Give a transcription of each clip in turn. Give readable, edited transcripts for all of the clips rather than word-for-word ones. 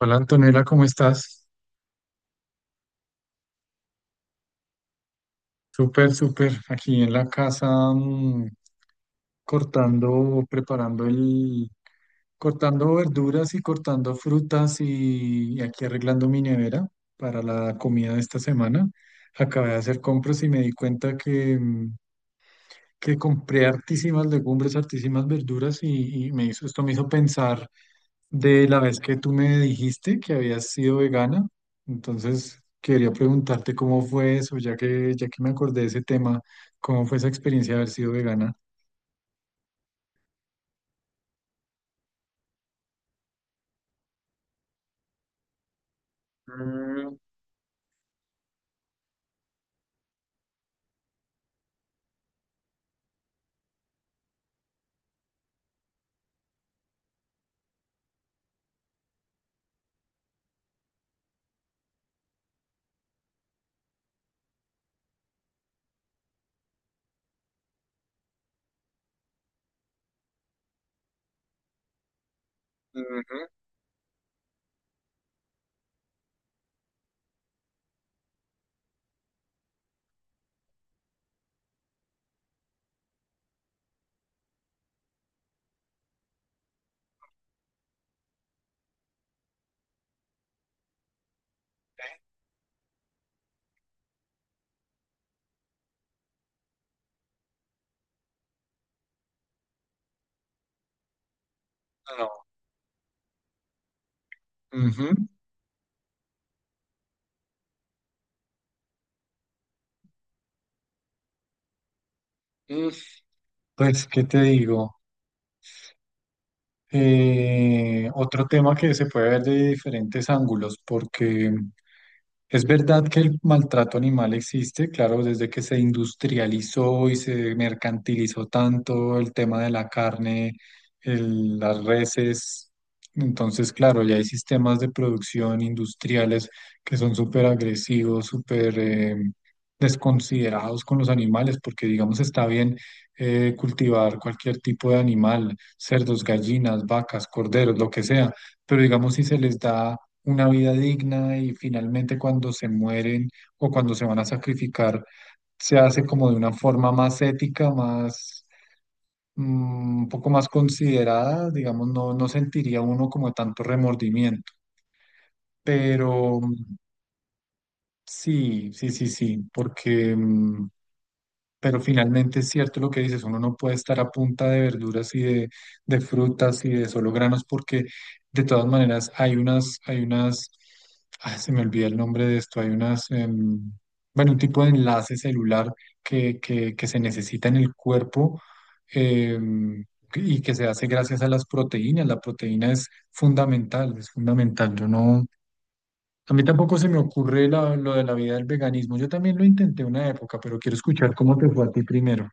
Hola Antonella, ¿cómo estás? Súper, súper. Aquí en la casa mm, cortando, cortando verduras y cortando frutas y aquí arreglando mi nevera para la comida de esta semana. Acabé de hacer compras y me di cuenta que compré hartísimas legumbres, hartísimas verduras y esto me hizo pensar de la vez que tú me dijiste que habías sido vegana. Entonces quería preguntarte cómo fue eso, ya que me acordé de ese tema, cómo fue esa experiencia de haber sido vegana. Mm, no. Ujú. Mm, Pues, ¿qué te digo? Otro tema que se puede ver de diferentes ángulos, porque es verdad que el maltrato animal existe. Claro, desde que se industrializó y se mercantilizó tanto el tema de la carne, las reses. Entonces, claro, ya hay sistemas de producción industriales que son súper agresivos, súper desconsiderados con los animales, porque digamos está bien cultivar cualquier tipo de animal: cerdos, gallinas, vacas, corderos, lo que sea. Pero digamos, si se les da una vida digna y finalmente cuando se mueren o cuando se van a sacrificar, se hace como de una forma más ética, más, un poco más considerada, digamos, no, no sentiría uno como tanto remordimiento. Pero sí, sí, sí, sí, porque pero finalmente es cierto lo que dices. Uno no puede estar a punta de verduras y de frutas y de solo granos, porque de todas maneras hay unas, ah, se me olvida el nombre de esto. Hay unas, bueno, un tipo de enlace celular que se necesita en el cuerpo, em, y que se hace gracias a las proteínas. La proteína es fundamental, es fundamental. Yo no, a mí tampoco se me ocurre lo de la vida del veganismo. Yo también lo intenté una época, pero quiero escuchar cómo te fue a ti primero.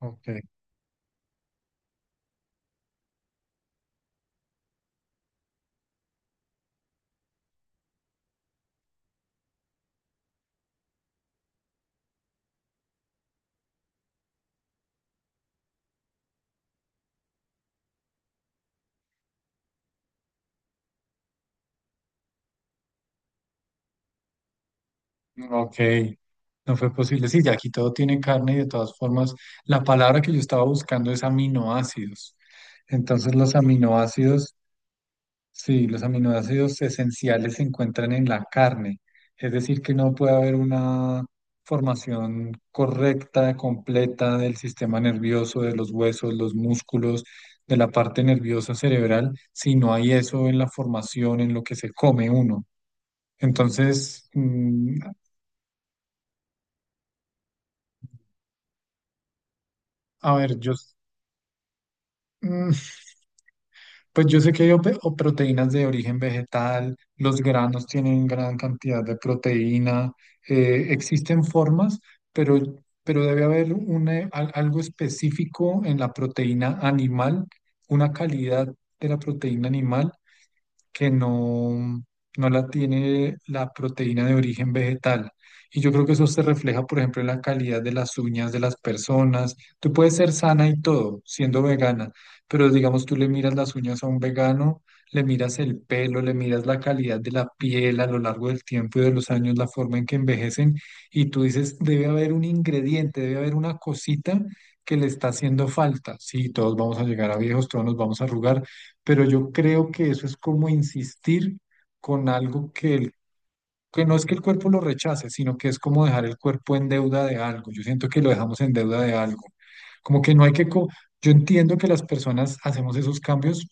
Ok, ok. No fue posible. Sí, ya aquí todo tiene carne y de todas formas, la palabra que yo estaba buscando es aminoácidos. Entonces, los aminoácidos. Sí, los aminoácidos esenciales se encuentran en la carne, es decir, que no puede haber una formación correcta, completa del sistema nervioso, de los huesos, los músculos, de la parte nerviosa cerebral, si no hay eso en la formación, en lo que se come uno. Entonces, a ver, yo, mm, pues yo sé que hay o proteínas de origen vegetal. Los granos tienen gran cantidad de proteína. Existen formas, pero, pero debe haber un, algo específico en la proteína animal, una calidad de la proteína animal que no, no la tiene la proteína de origen vegetal. Y yo creo que eso se refleja, por ejemplo, en la calidad de las uñas de las personas. Tú puedes ser sana y todo siendo vegana, pero digamos, tú le miras las uñas a un vegano, le miras el pelo, le miras la calidad de la piel a lo largo del tiempo y de los años, la forma en que envejecen, y tú dices, debe haber un ingrediente, debe haber una cosita que le está haciendo falta. Sí, todos vamos a llegar a viejos, todos nos vamos a arrugar, pero yo creo que eso es como insistir con algo que, que no es que el cuerpo lo rechace, sino que es como dejar el cuerpo en deuda de algo. Yo siento que lo dejamos en deuda de algo. Como que no hay que... Yo entiendo que las personas hacemos esos cambios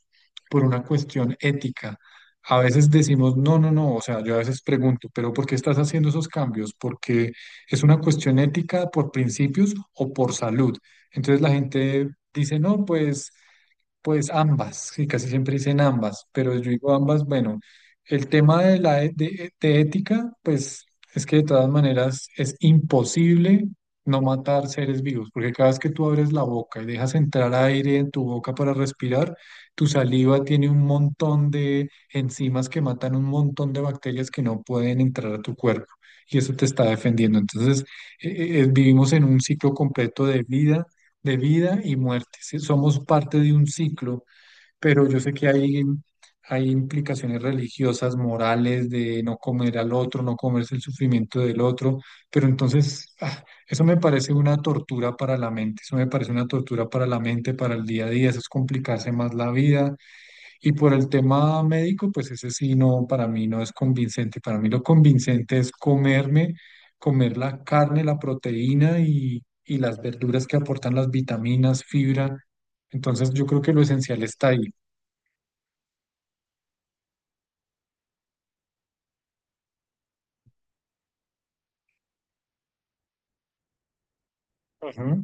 por una cuestión ética. A veces decimos, no, no, no, o sea, yo a veces pregunto, pero ¿por qué estás haciendo esos cambios? ¿Porque es una cuestión ética, por principios, o por salud? Entonces la gente dice, no, pues... Pues ambas, sí, casi siempre dicen ambas, pero yo digo ambas, bueno, el tema de la e- de ética, pues es que de todas maneras es imposible no matar seres vivos, porque cada vez que tú abres la boca y dejas entrar aire en tu boca para respirar, tu saliva tiene un montón de enzimas que matan un montón de bacterias que no pueden entrar a tu cuerpo, y eso te está defendiendo. Entonces, vivimos en un ciclo completo de vida y muerte. ¿Sí? Somos parte de un ciclo, pero yo sé que hay implicaciones religiosas, morales, de no comer al otro, no comerse el sufrimiento del otro. Pero entonces eso me parece una tortura para la mente, eso me parece una tortura para la mente, para el día a día. Eso es complicarse más la vida. Y por el tema médico, pues ese sí no, para mí no es convincente. Para mí lo convincente es comer la carne, la proteína y las verduras que aportan las vitaminas, fibra. Entonces yo creo que lo esencial está ahí. Ujú.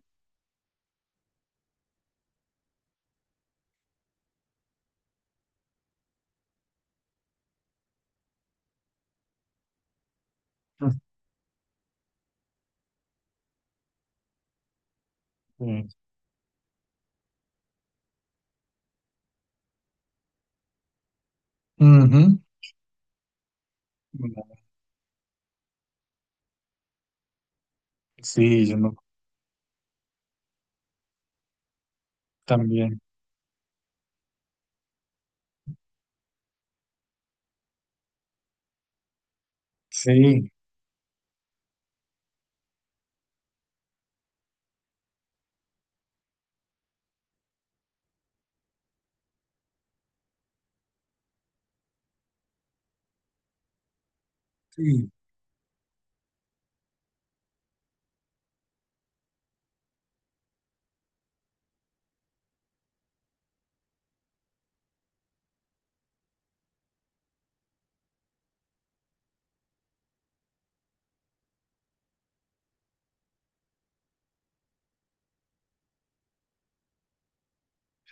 Ujú. Ujú. Bueno, sí, yo no, también. Sí, sí,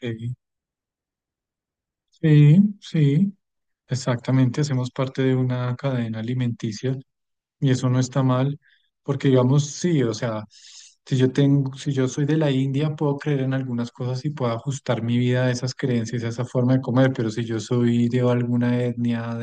sí, sí, sí. Exactamente, hacemos parte de una cadena alimenticia. Y eso no está mal, porque digamos, sí, o sea, si yo soy de la India, puedo creer en algunas cosas y puedo ajustar mi vida a esas creencias, a esa forma de comer. Pero si yo soy de alguna etnia,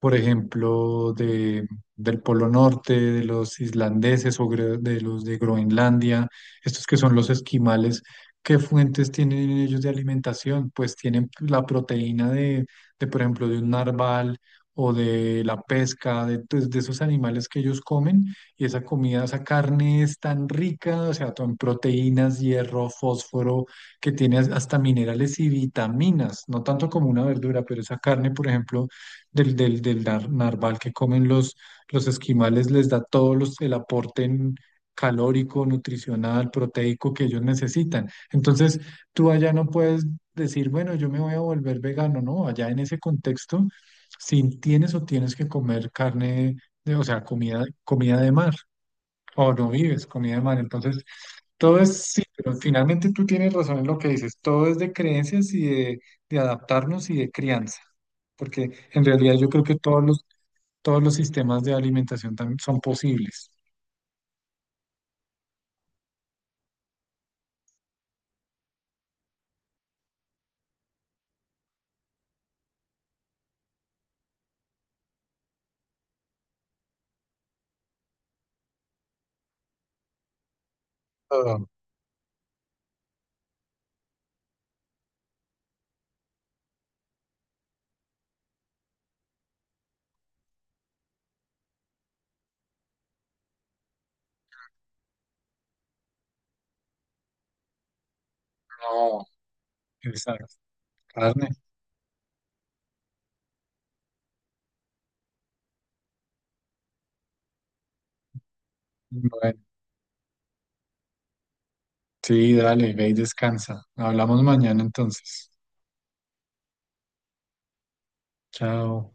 por ejemplo, de, del Polo Norte, de los islandeses, o de los de Groenlandia, estos que son los esquimales, ¿qué fuentes tienen ellos de alimentación? Pues tienen la proteína de, por ejemplo, de un narval o de la pesca, de, pues, de esos animales que ellos comen. Y esa comida, esa carne, es tan rica, o sea, en proteínas, hierro, fósforo, que tiene hasta minerales y vitaminas, no tanto como una verdura, pero esa carne, por ejemplo, del narval que comen los esquimales, les da todo el aporte calórico, nutricional, proteico que ellos necesitan. Entonces, tú allá no puedes decir, bueno, yo me voy a volver vegano. No, allá en ese contexto, si tienes, o tienes que comer carne, o sea, comida, comida de mar, o no vives comida de mar. Entonces, todo es, sí, pero finalmente tú tienes razón en lo que dices. Todo es de creencias y de adaptarnos y de crianza. Porque en realidad yo creo que todos los sistemas de alimentación también son posibles. Ah, no, esa carne. Bueno, sí, dale, ve y descansa. Hablamos mañana entonces. Chao.